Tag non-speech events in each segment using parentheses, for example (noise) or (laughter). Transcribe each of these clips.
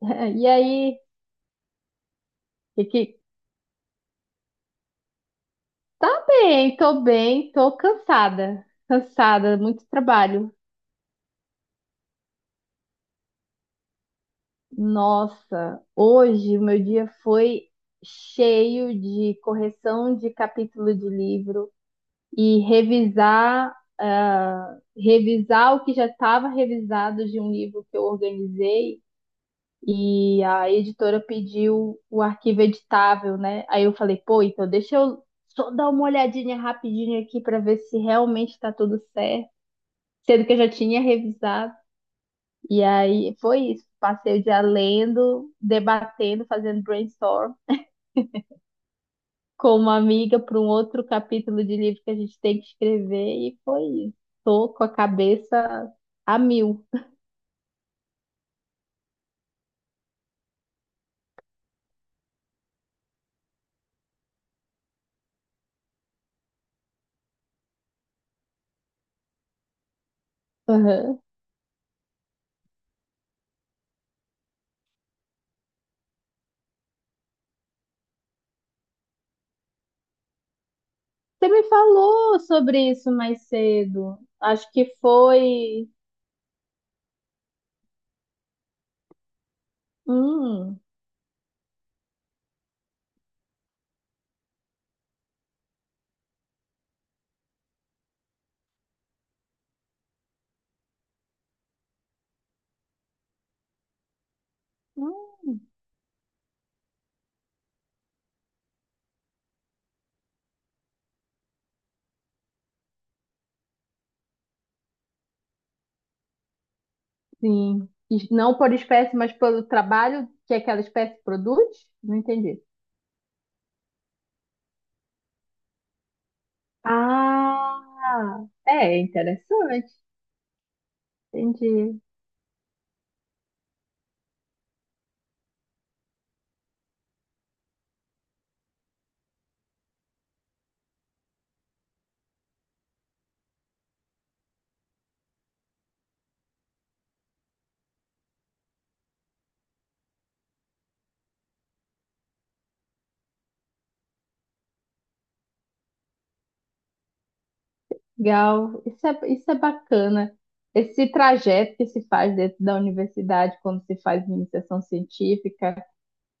(laughs) E aí, e tá bem, tô cansada, cansada, muito trabalho. Nossa, hoje o meu dia foi cheio de correção de capítulo de livro e revisar o que já estava revisado de um livro que eu organizei. E a editora pediu o arquivo editável, né? Aí eu falei, pô, então deixa eu só dar uma olhadinha rapidinho aqui para ver se realmente tá tudo certo, sendo que eu já tinha revisado. E aí foi isso, passei o dia lendo, debatendo, fazendo brainstorm com uma amiga para um outro capítulo de livro que a gente tem que escrever e foi isso. Tô com a cabeça a mil. Aham. Você me falou sobre isso mais cedo. Acho que foi. Hum, hum, sim. E não por espécie, mas pelo trabalho que aquela espécie produz? Não entendi. Ah, é interessante. Entendi. Legal. Isso é bacana. Esse trajeto que se faz dentro da universidade quando se faz iniciação científica.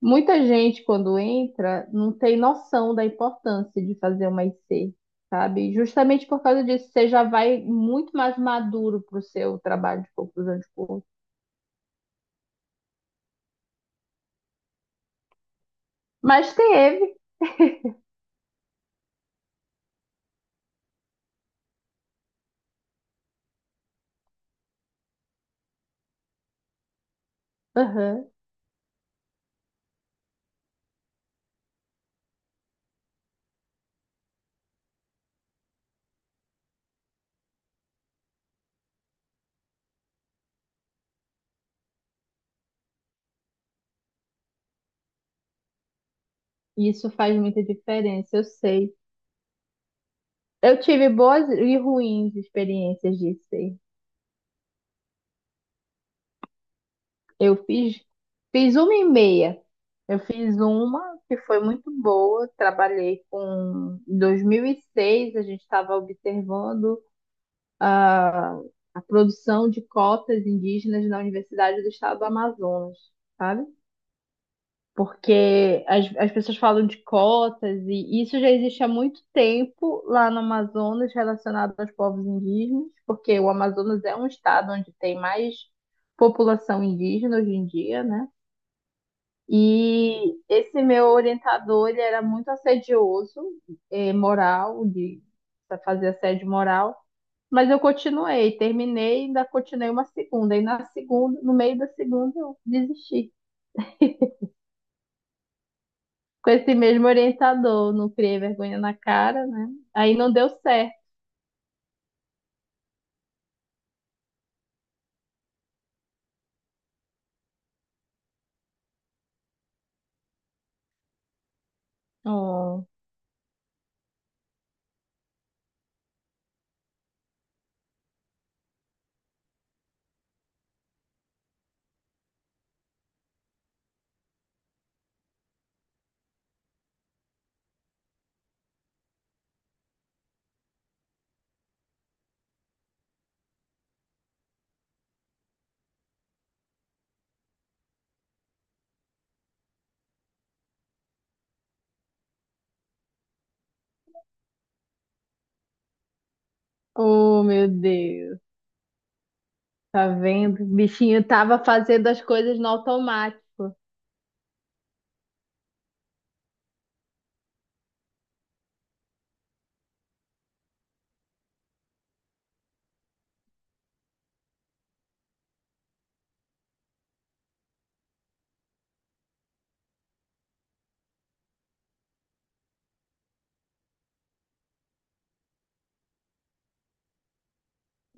Muita gente, quando entra, não tem noção da importância de fazer uma IC, sabe? Justamente por causa disso, você já vai muito mais maduro para o seu trabalho de conclusão de curso. Mas teve, aham, e isso faz muita diferença, eu sei. Eu tive boas e ruins experiências de IC. Eu fiz, uma e meia. Eu fiz uma que foi muito boa, trabalhei com. Em 2006, a gente estava observando a, a produção de cotas indígenas na Universidade do Estado do Amazonas, sabe? Porque as pessoas falam de cotas e isso já existe há muito tempo lá no Amazonas relacionado aos povos indígenas, porque o Amazonas é um estado onde tem mais população indígena hoje em dia, né? E esse meu orientador, ele era muito assedioso, moral, de pra fazer assédio moral, mas eu continuei, terminei, ainda continuei uma segunda, e na segunda, no meio da segunda, eu desisti. Com esse mesmo orientador, não criei vergonha na cara, né? Aí não deu certo. Oh, oh, meu Deus, tá vendo? O bichinho tava fazendo as coisas no automático.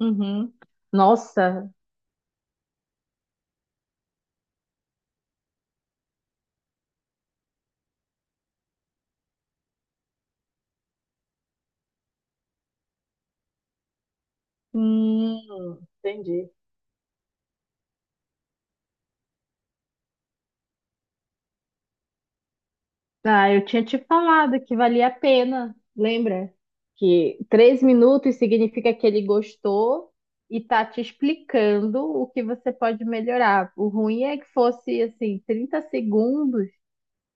Uhum. Nossa, hum, entendi. Ah, eu tinha te falado que valia a pena, lembra? Que 3 minutos significa que ele gostou e tá te explicando o que você pode melhorar. O ruim é que fosse assim, 30 segundos,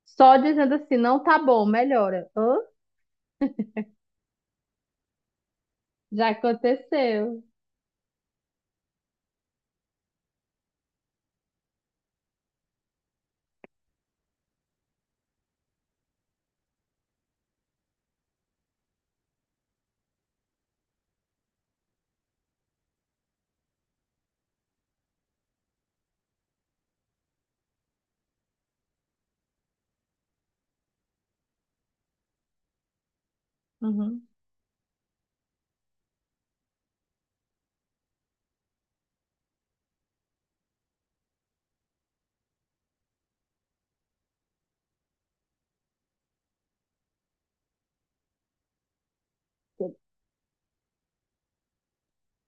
só dizendo assim, não tá bom, melhora. Hã? Já aconteceu. Uhum.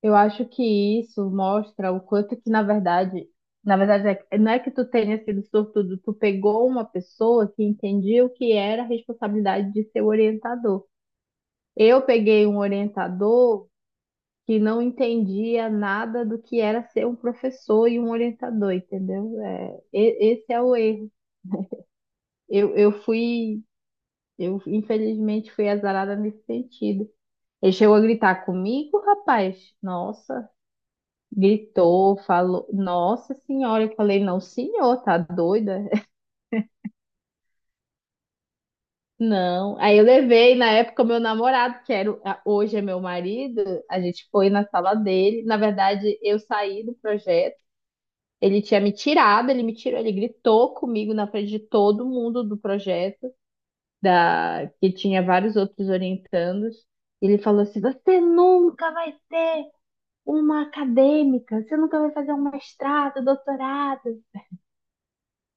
Eu acho que isso mostra o quanto que, na verdade, não é que tu tenha sido sortudo, tu pegou uma pessoa que entendia o que era a responsabilidade de ser orientador. Eu peguei um orientador que não entendia nada do que era ser um professor e um orientador, entendeu? É, esse é o erro. Eu, eu fui, eu infelizmente fui azarada nesse sentido. Ele chegou a gritar comigo, rapaz. Nossa, gritou, falou. Nossa senhora, eu falei, não, senhor, tá doida? (laughs) Não. Aí eu levei, na época, o meu namorado, que era, hoje é meu marido, a gente foi na sala dele. Na verdade, eu saí do projeto. Ele tinha me tirado, ele me tirou, ele gritou comigo na frente de todo mundo do projeto, da que tinha vários outros orientandos. Ele falou assim: "Você nunca vai ser uma acadêmica, você nunca vai fazer um mestrado, um doutorado".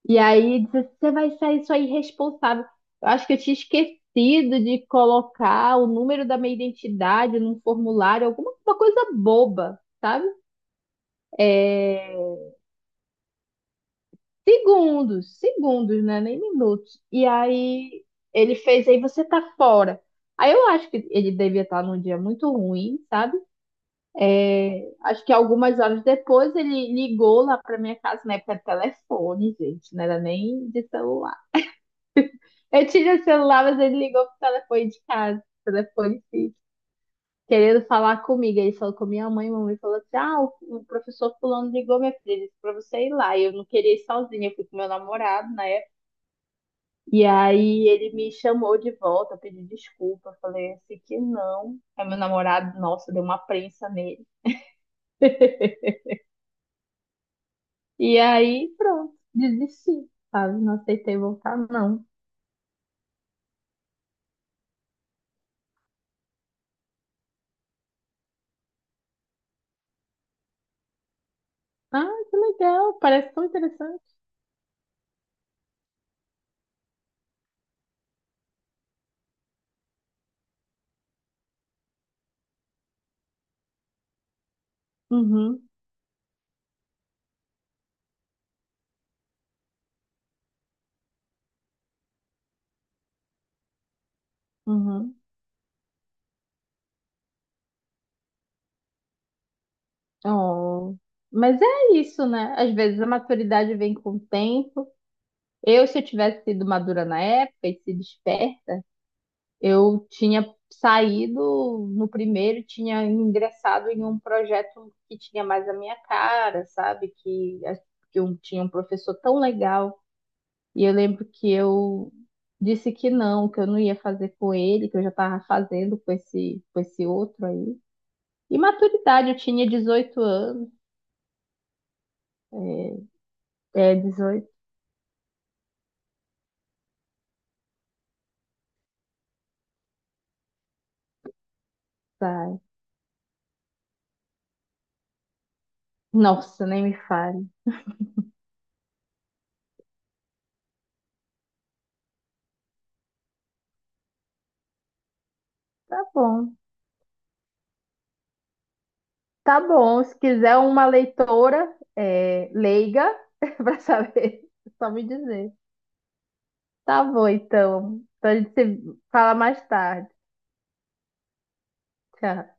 E aí disse, você vai sair só irresponsável. Eu acho que eu tinha esquecido de colocar o número da minha identidade num formulário, alguma uma coisa boba, sabe? É, segundos, segundos, né? Nem minutos. E aí ele fez, aí você tá fora. Aí eu acho que ele devia estar num dia muito ruim, sabe? Acho que algumas horas depois ele ligou lá pra minha casa, na época de telefone, gente, não era nem de celular. Eu tinha celular, mas ele ligou pro telefone de casa, telefone fixo, querendo falar comigo. Aí ele falou com minha mãe, mamãe falou assim: ah, o professor fulano ligou, minha filha, disse pra você ir lá. E eu não queria ir sozinha, eu fui com meu namorado, né? E aí ele me chamou de volta, eu pedi desculpa, eu falei assim que não. Aí meu namorado, nossa, deu uma prensa nele. E aí, pronto, desisti, sabe? Não aceitei voltar, não. Ah, que legal, parece tão interessante. Uhum, uhum. Oh. Mas é isso, né? Às vezes a maturidade vem com o tempo. Eu, se eu tivesse sido madura na época e sido esperta, eu tinha saído no primeiro, e tinha ingressado em um projeto que tinha mais a minha cara, sabe? Que eu tinha um professor tão legal. E eu lembro que eu disse que não, que eu não ia fazer com ele, que eu já estava fazendo com esse outro aí. E maturidade, eu tinha 18 anos. É, 18, tá. Nossa, nem me fale. Tá bom. Tá bom, se quiser uma leitora leiga, (laughs) para saber, é só me dizer. Tá bom, então. Então a gente se fala mais tarde. Tchau.